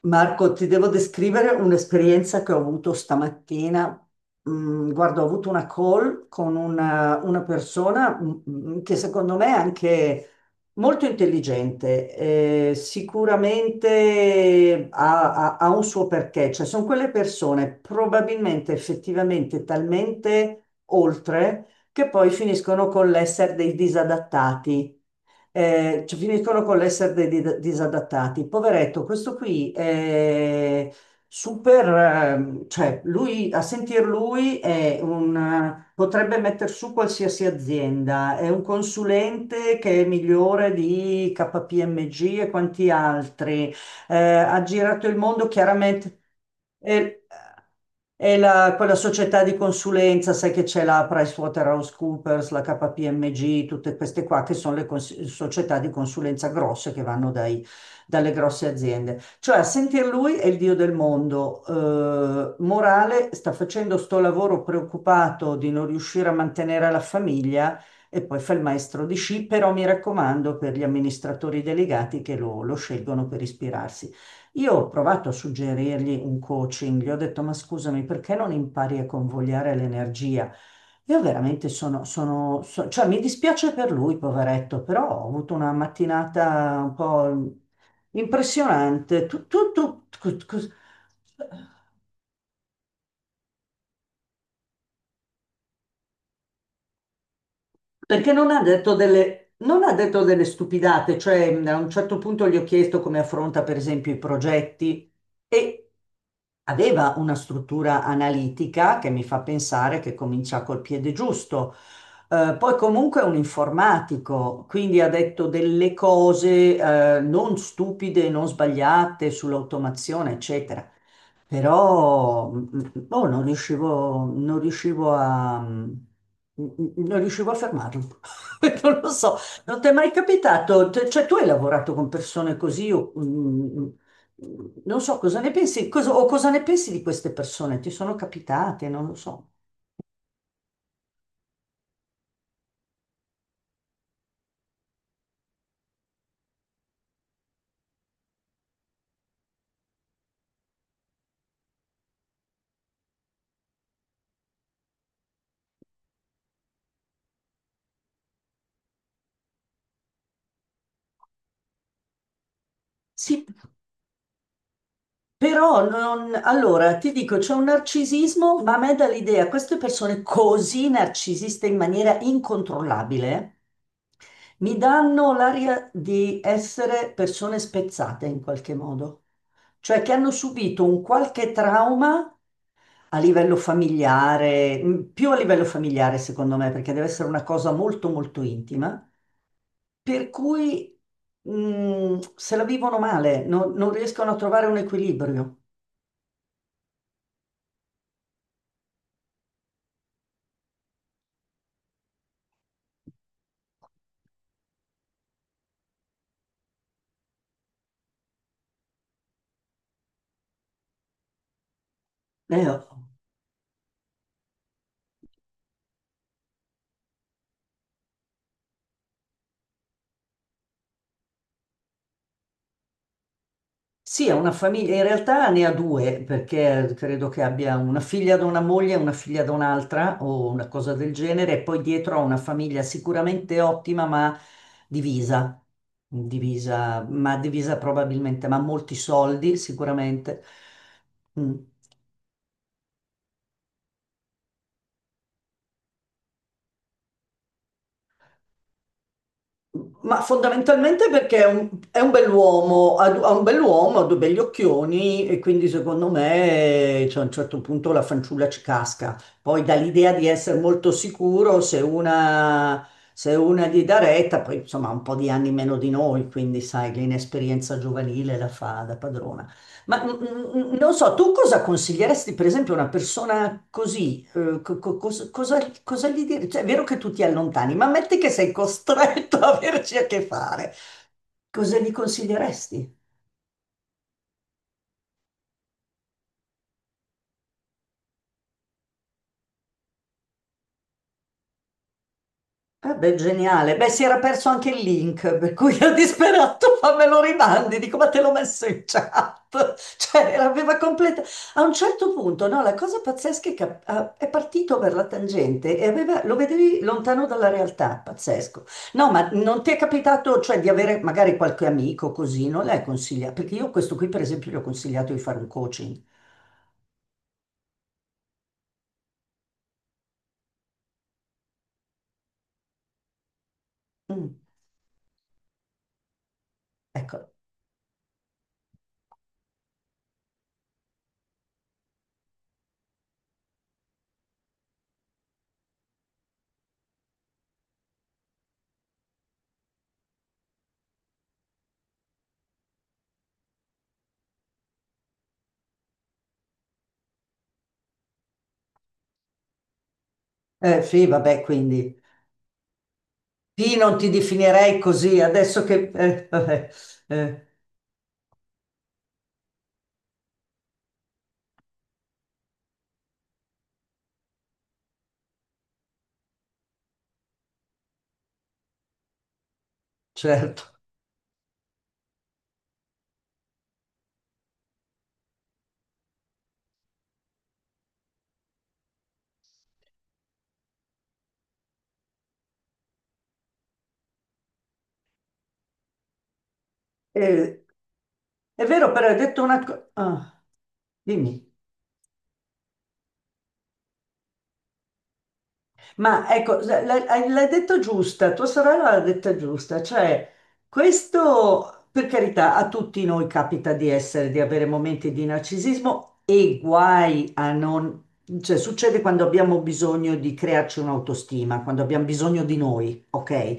Marco, ti devo descrivere un'esperienza che ho avuto stamattina. Guarda, ho avuto una call con una persona che secondo me è anche molto intelligente, sicuramente ha un suo perché, cioè sono quelle persone probabilmente effettivamente talmente oltre che poi finiscono con l'essere dei disadattati. Cioè, finiscono con l'essere dei disadattati. Poveretto, questo qui è super, cioè lui, a sentir lui è potrebbe metter su qualsiasi azienda, è un consulente che è migliore di KPMG e quanti altri, ha girato il mondo, chiaramente, e, quella società di consulenza. Sai che c'è la PricewaterhouseCoopers, la KPMG, tutte queste qua che sono le società di consulenza grosse che vanno dalle grosse aziende. Cioè, a sentir lui è il dio del mondo. Morale, sta facendo sto lavoro preoccupato di non riuscire a mantenere la famiglia e poi fa il maestro di sci, però mi raccomando, per gli amministratori delegati che lo scelgono per ispirarsi. Io ho provato a suggerirgli un coaching, gli ho detto: ma scusami, perché non impari a convogliare l'energia? Io veramente cioè mi dispiace per lui, poveretto, però ho avuto una mattinata un po' impressionante. Perché non ha detto delle, non ha detto delle stupidate, cioè a un certo punto gli ho chiesto come affronta per esempio i progetti e aveva una struttura analitica che mi fa pensare che comincia col piede giusto. Poi comunque è un informatico, quindi ha detto delle cose, non stupide, non sbagliate sull'automazione, eccetera. Però boh, non riuscivo a, mm, non riuscivo a fermarlo. Non lo so, non ti è mai capitato? Cioè, tu hai lavorato con persone così, o, non so cosa ne pensi, o cosa ne pensi di queste persone? Ti sono capitate? Non lo so. Sì, però non, allora ti dico, c'è un narcisismo, ma a me dà l'idea, queste persone così narcisiste in maniera incontrollabile. Mi danno l'aria di essere persone spezzate in qualche modo, cioè che hanno subito un qualche trauma a livello familiare, più a livello familiare secondo me, perché deve essere una cosa molto molto intima, per cui, se la vivono male, non riescono a trovare un equilibrio. Oh. Sì, è una famiglia, in realtà ne ha due, perché credo che abbia una figlia da una moglie e una figlia da un'altra, o una cosa del genere, e poi dietro ha una famiglia sicuramente ottima, ma divisa, divisa, ma divisa probabilmente, ma ha molti soldi sicuramente. Mm. Ma fondamentalmente perché è un bell'uomo, ha due begli occhioni, e quindi secondo me, cioè, a un certo punto la fanciulla ci casca. Poi dà l'idea di essere molto sicuro, se una gli dà retta, poi insomma ha un po' di anni meno di noi, quindi sai, l'inesperienza giovanile la fa da padrona. Ma non so, tu cosa consiglieresti, per esempio, a una persona così? Eh, cosa gli dire? Cioè, è vero che tu ti allontani, ma metti che sei costretto a averci a che fare. Cosa gli consiglieresti? Eh beh, geniale. Beh, si era perso anche il link, per cui ero disperato, ma me lo rimandi, dico, ma te l'ho messo in chat. Cioè, aveva completa... A un certo punto, no, la cosa pazzesca è che è partito per la tangente e aveva, lo vedevi lontano dalla realtà, pazzesco. No, ma non ti è capitato, cioè, di avere magari qualche amico così, non l'hai consigliato? Perché io questo qui, per esempio, gli ho consigliato di fare un coaching. Mm, ecco. Sì, vabbè, quindi... Sì, non ti definirei così, adesso che... vabbè, eh, certo. Eh, è vero, però hai detto una cosa... dimmi. Ma ecco, l'hai detto giusta, tua sorella l'ha detta giusta, cioè questo, per carità, a tutti noi capita di essere, di avere momenti di narcisismo e guai a non, cioè succede quando abbiamo bisogno di crearci un'autostima, quando abbiamo bisogno di noi, ok?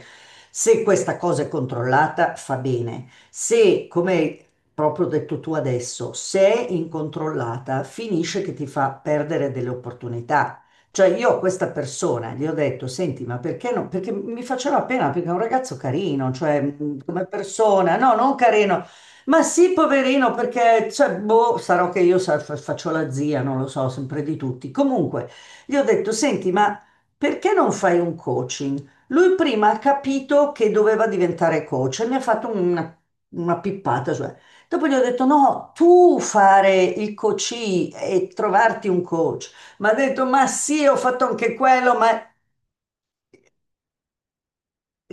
Se questa cosa è controllata fa bene, se, come hai proprio detto tu adesso, se è incontrollata finisce che ti fa perdere delle opportunità. Cioè io a questa persona gli ho detto: senti, ma perché no? Perché mi faceva pena, perché è un ragazzo carino, cioè come persona, no, non carino, ma sì, poverino, perché, cioè, boh, sarò che io faccio la zia, non lo so, sempre di tutti. Comunque, gli ho detto: senti, ma perché non fai un coaching? Lui prima ha capito che doveva diventare coach e mi ha fatto una pippata, cioè. Dopo gli ho detto: no, tu fare il coach e trovarti un coach. Ma ha detto: ma sì, ho fatto anche quello, ma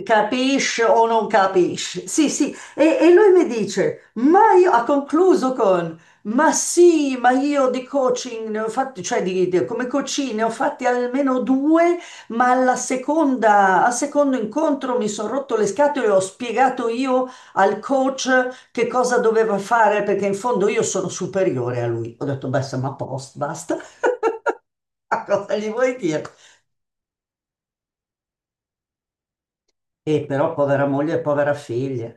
capisci o non capisci? Sì, sì, e lui mi dice, ma io, ha concluso con: ma sì, ma io di coaching ne ho fatti, cioè come coaching ne ho fatti almeno due, ma al secondo incontro mi sono rotto le scatole e ho spiegato io al coach che cosa doveva fare, perché in fondo io sono superiore a lui. Ho detto: beh, siamo a posto, basta. Ma cosa gli vuoi dire? E però povera moglie e povera figlia,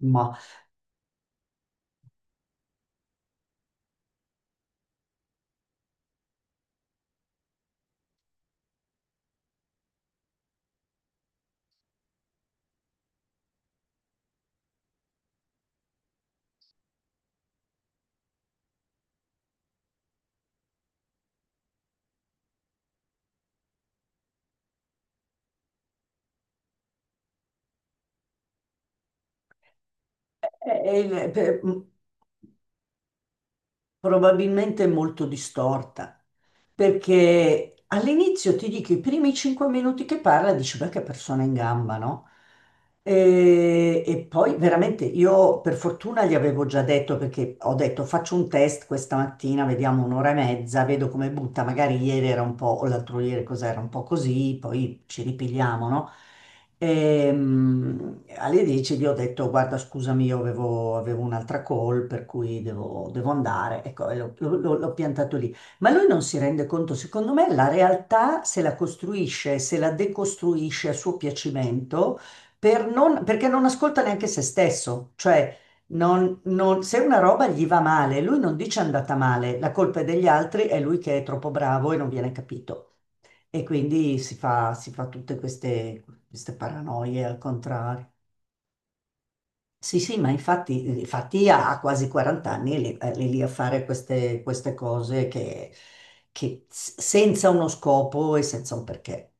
ma è- è- è- per- probabilmente è molto distorta. Perché all'inizio, ti dico, i primi 5 minuti che parla, dici: beh, che persona in gamba, no? E poi veramente io, per fortuna, gli avevo già detto, perché ho detto: faccio un test questa mattina, vediamo un'ora e mezza, vedo come butta, magari ieri era un po', o l'altro ieri cos'era un po' così, poi ci ripigliamo, no? Alle 10 gli ho detto: guarda, scusami, io avevo un'altra call, per cui devo andare, ecco, e l'ho piantato lì. Ma lui non si rende conto, secondo me, la realtà se la costruisce e se la decostruisce a suo piacimento, perché non ascolta neanche se stesso. Cioè, se una roba gli va male, lui non dice è andata male, la colpa è degli altri, è lui che è troppo bravo e non viene capito. E quindi si fa tutte queste paranoie al contrario. Sì, sì, ma infatti, infatti ha quasi 40 anni e lì, è lì a fare queste cose che senza uno scopo e senza un perché.